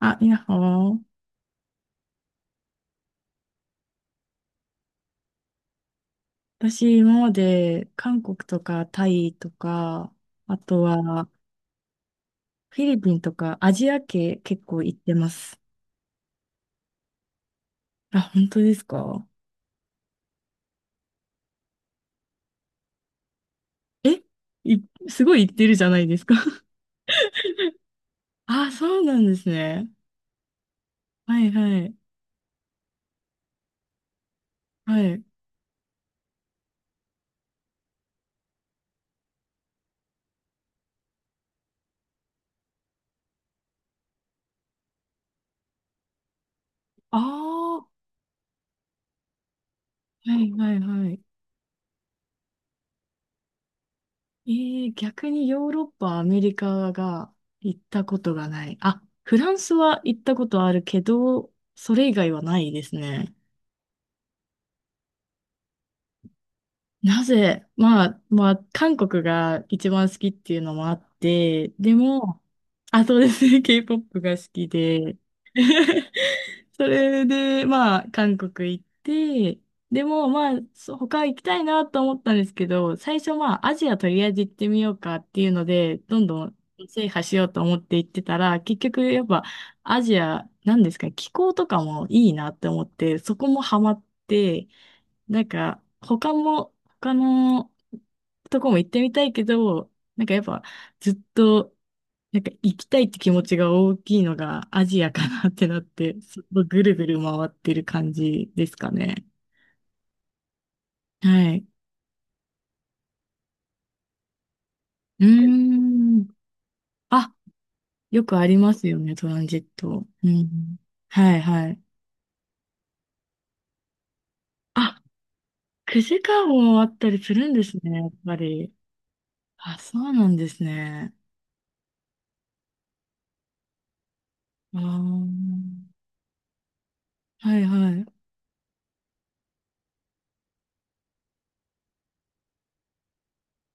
ほー。私、今まで韓国とかタイとか、あとはフィリピンとかアジア系結構行ってます。あ、本当ですか？え、い、すごい行ってるじゃないですか。あ、そうなんですね。はいはい。はい。ああ、はいはいはい。えー、逆にヨーロッパ、アメリカが行ったことがない。あ、フランスは行ったことあるけど、それ以外はないですね。なぜ、まあ、韓国が一番好きっていうのもあって、でも、あ、そうですね。K-POP が好きで、それで、まあ、韓国行って、でも、まあ、そう他行きたいなと思ったんですけど、最初、まあ、アジアとりあえず行ってみようかっていうので、どんどん制覇しようと思って行ってたら、結局、やっぱ、アジア、なんですか、気候とかもいいなって思って、そこもハマって、なんか、他も、他のとこも行ってみたいけど、なんかやっぱずっと、なんか行きたいって気持ちが大きいのがアジアかなってなって、そこぐるぐる回ってる感じですかね。はい。うーん。あ、よくありますよね、トランジット。うん。はい、はい。あ、9時間もあったりするんですね、やっぱり。あ、そうなんですね。ああ。はい、はい。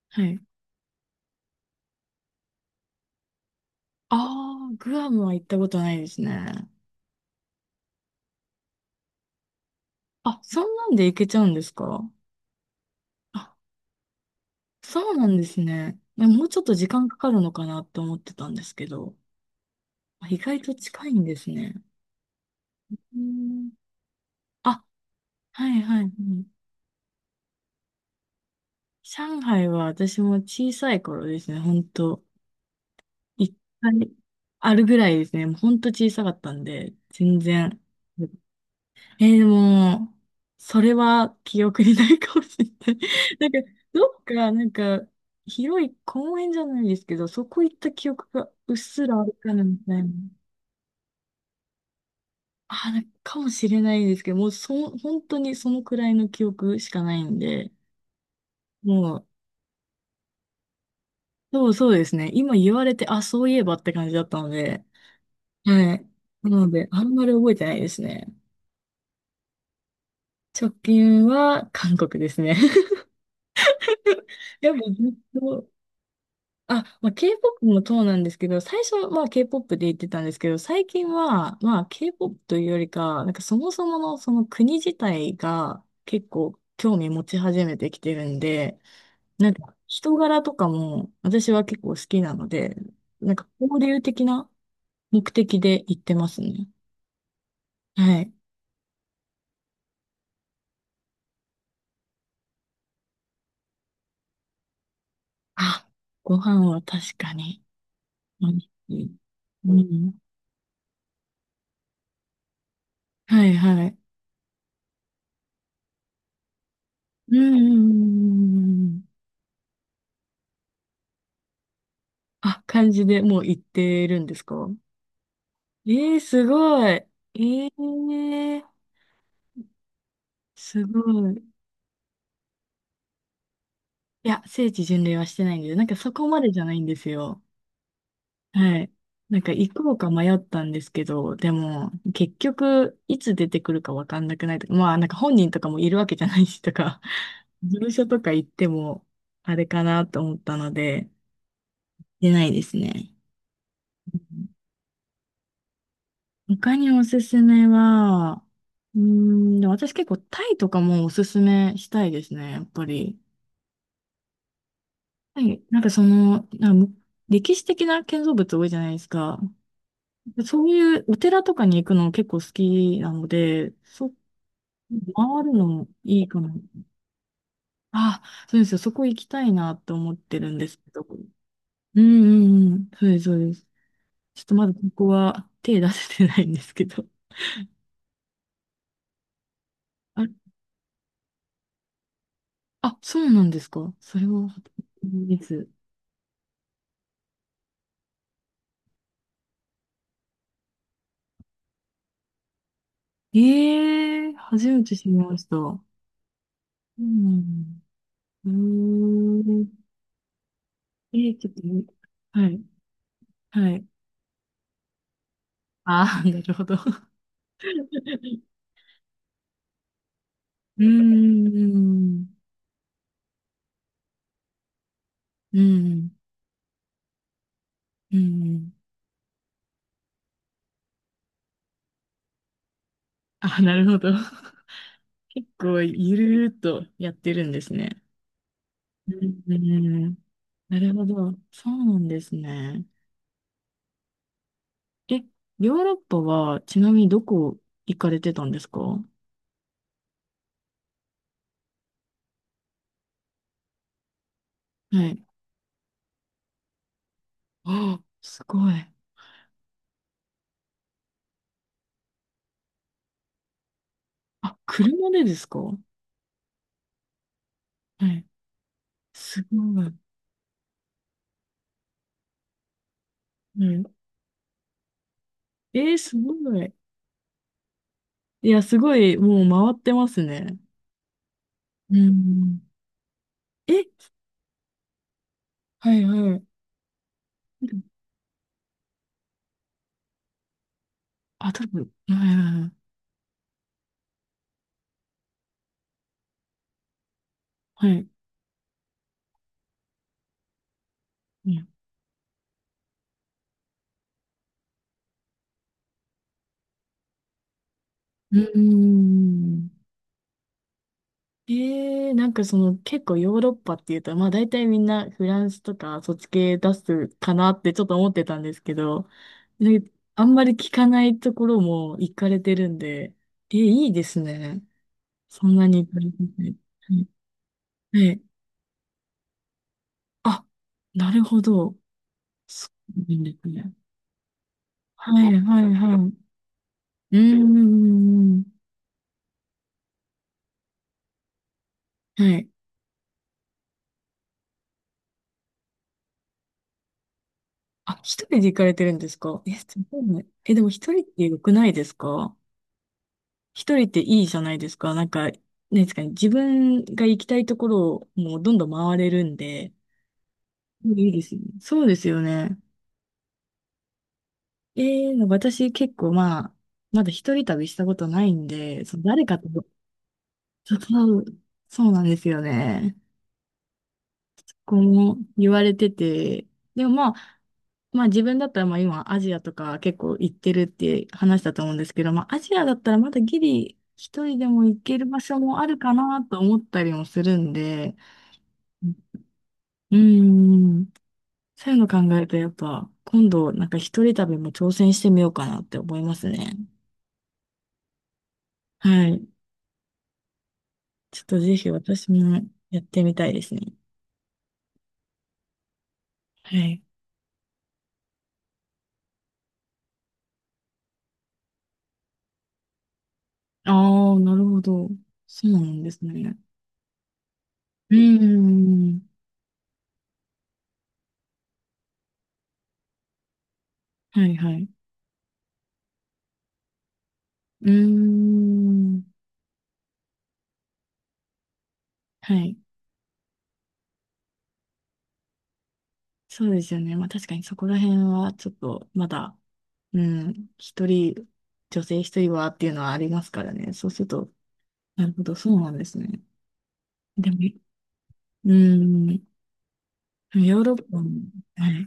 はい。ああ、グアムは行ったことないですね。あ、そんなんで行けちゃうんですか？あ、そうなんですね。いや、もうちょっと時間かかるのかなって思ってたんですけど、あ、意外と近いんですね。うん。あ、はいはい。うん。上海は私も小さい頃ですね、ほんと。一回あるぐらいですね。もうほんと小さかったんで、全然。えー、でも、それは記憶にないかもしれない。なんか、どっか、なんか、広い公園じゃないですけど、そこ行った記憶がうっすらあるかな、みたいな。あ、なんかかもしれないですけど、もうそ、本当にそのくらいの記憶しかないんで、もう、そうそうですね。今言われて、あ、そういえばって感じだったので、はい。なので、あんまり覚えてないですね。直近は韓国ですね。やっぱずっと、あ、まあ、K-POP もそうなんですけど、最初はまあ K-POP で言ってたんですけど、最近はまあ K-POP というよりか、なんかそもそものその国自体が結構興味持ち始めてきてるんで、なんか人柄とかも私は結構好きなので、なんか交流的な目的で行ってますね。はい。あ、ご飯は確かに美味しい。うん。はいはい。うん。うんうんうんうん。あ、感じでもう行ってるんですか？ええ、すごい。ええ、すごい。いや、聖地巡礼はしてないんで、なんかそこまでじゃないんですよ。はい。なんか行こうか迷ったんですけど、でも、結局、いつ出てくるかわかんなくないとか、まあ、なんか本人とかもいるわけじゃないしとか、事務所とか行っても、あれかなと思ったので、出ないですね。他におすすめは、うーん、でも私結構タイとかもおすすめしたいですね、やっぱり。はい、なんか、歴史的な建造物多いじゃないですか。で、そういうお寺とかに行くの結構好きなので、回るのいいかな。あ、そうですよ。そこ行きたいなって思ってるんですけど。うんうんうん。そうです、そうです。ちょっとまだここは手出せてないんですけど。あ、あ、そうなんですか。それは、いいです。ええ、初めて知りました。そうなんだ。うーん。ええ、ちょっと、はい、はい。ああ、なるほど。うーん、うん、うん。あ、なるほど。結構、ゆるーっとやってるんですね。うん、うん、なるほど。そうなんですね。え、ヨーロッパは、ちなみにどこ行かれてたんですか？はい。ああ、すごい。あ、車でですか？はい。すごい。ね、えー、すごい。いや、すごい、もう回ってますね。うん。え、はいはい。あ、多分、はいはいはい。はい。うん。うーん。えー、なんかその、結構ヨーロッパっていうと、まあ大体みんなフランスとかそっち系出すかなってちょっと思ってたんですけど、で、あんまり聞かないところも行かれてるんで、えー、いいですね。そんなに行かれてて。はい。はい、あ、なるほど。そうなんですね。はい、はい、はい。うん、ん。はい。あ、一人で行かれてるんですか？え、すごいね。え、でも一人って良くないですか？一人っていいじゃないですか。なんですかね。自分が行きたいところをもうどんどん回れるんで、いいですよね。そうですよね。えー、なんか私結構まあ、まだ一人旅したことないんで、その誰かと、そう、そうなんですよね。こう言われてて、でもまあ、まあ自分だったらまあ今アジアとか結構行ってるって話だと思うんですけど、まあアジアだったらまだギリ一人でも行ける場所もあるかなと思ったりもするんで、うん、そういうの考えるとやっぱ今度なんか一人旅も挑戦してみようかなって思いますね。はい。ちょっとぜひ私もやってみたいですね。はい。ああ、なるほど。そうなんですね。うん。はいはい。うーん。はい。そうですよね。まあ確かにそこら辺はちょっとまだ、うん、女性一人はっていうのはありますからね。そうすると、なるほど、そうなんですね。でも、うん、ヨーロッパも、はい。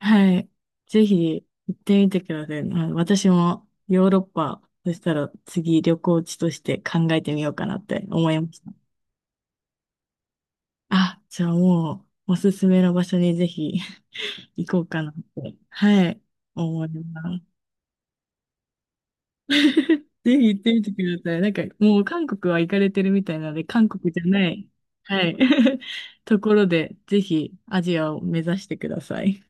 はい。ぜひ行ってみてください。はい、私もヨーロッパ、そしたら次旅行地として考えてみようかなって思いました。あ、じゃあもう、おすすめの場所にぜひ。行こうかなって、はい、思います。ぜひ行ってみてください。なんか、もう韓国は行かれてるみたいなので、韓国じゃない、はい、ところで、ぜひアジアを目指してください。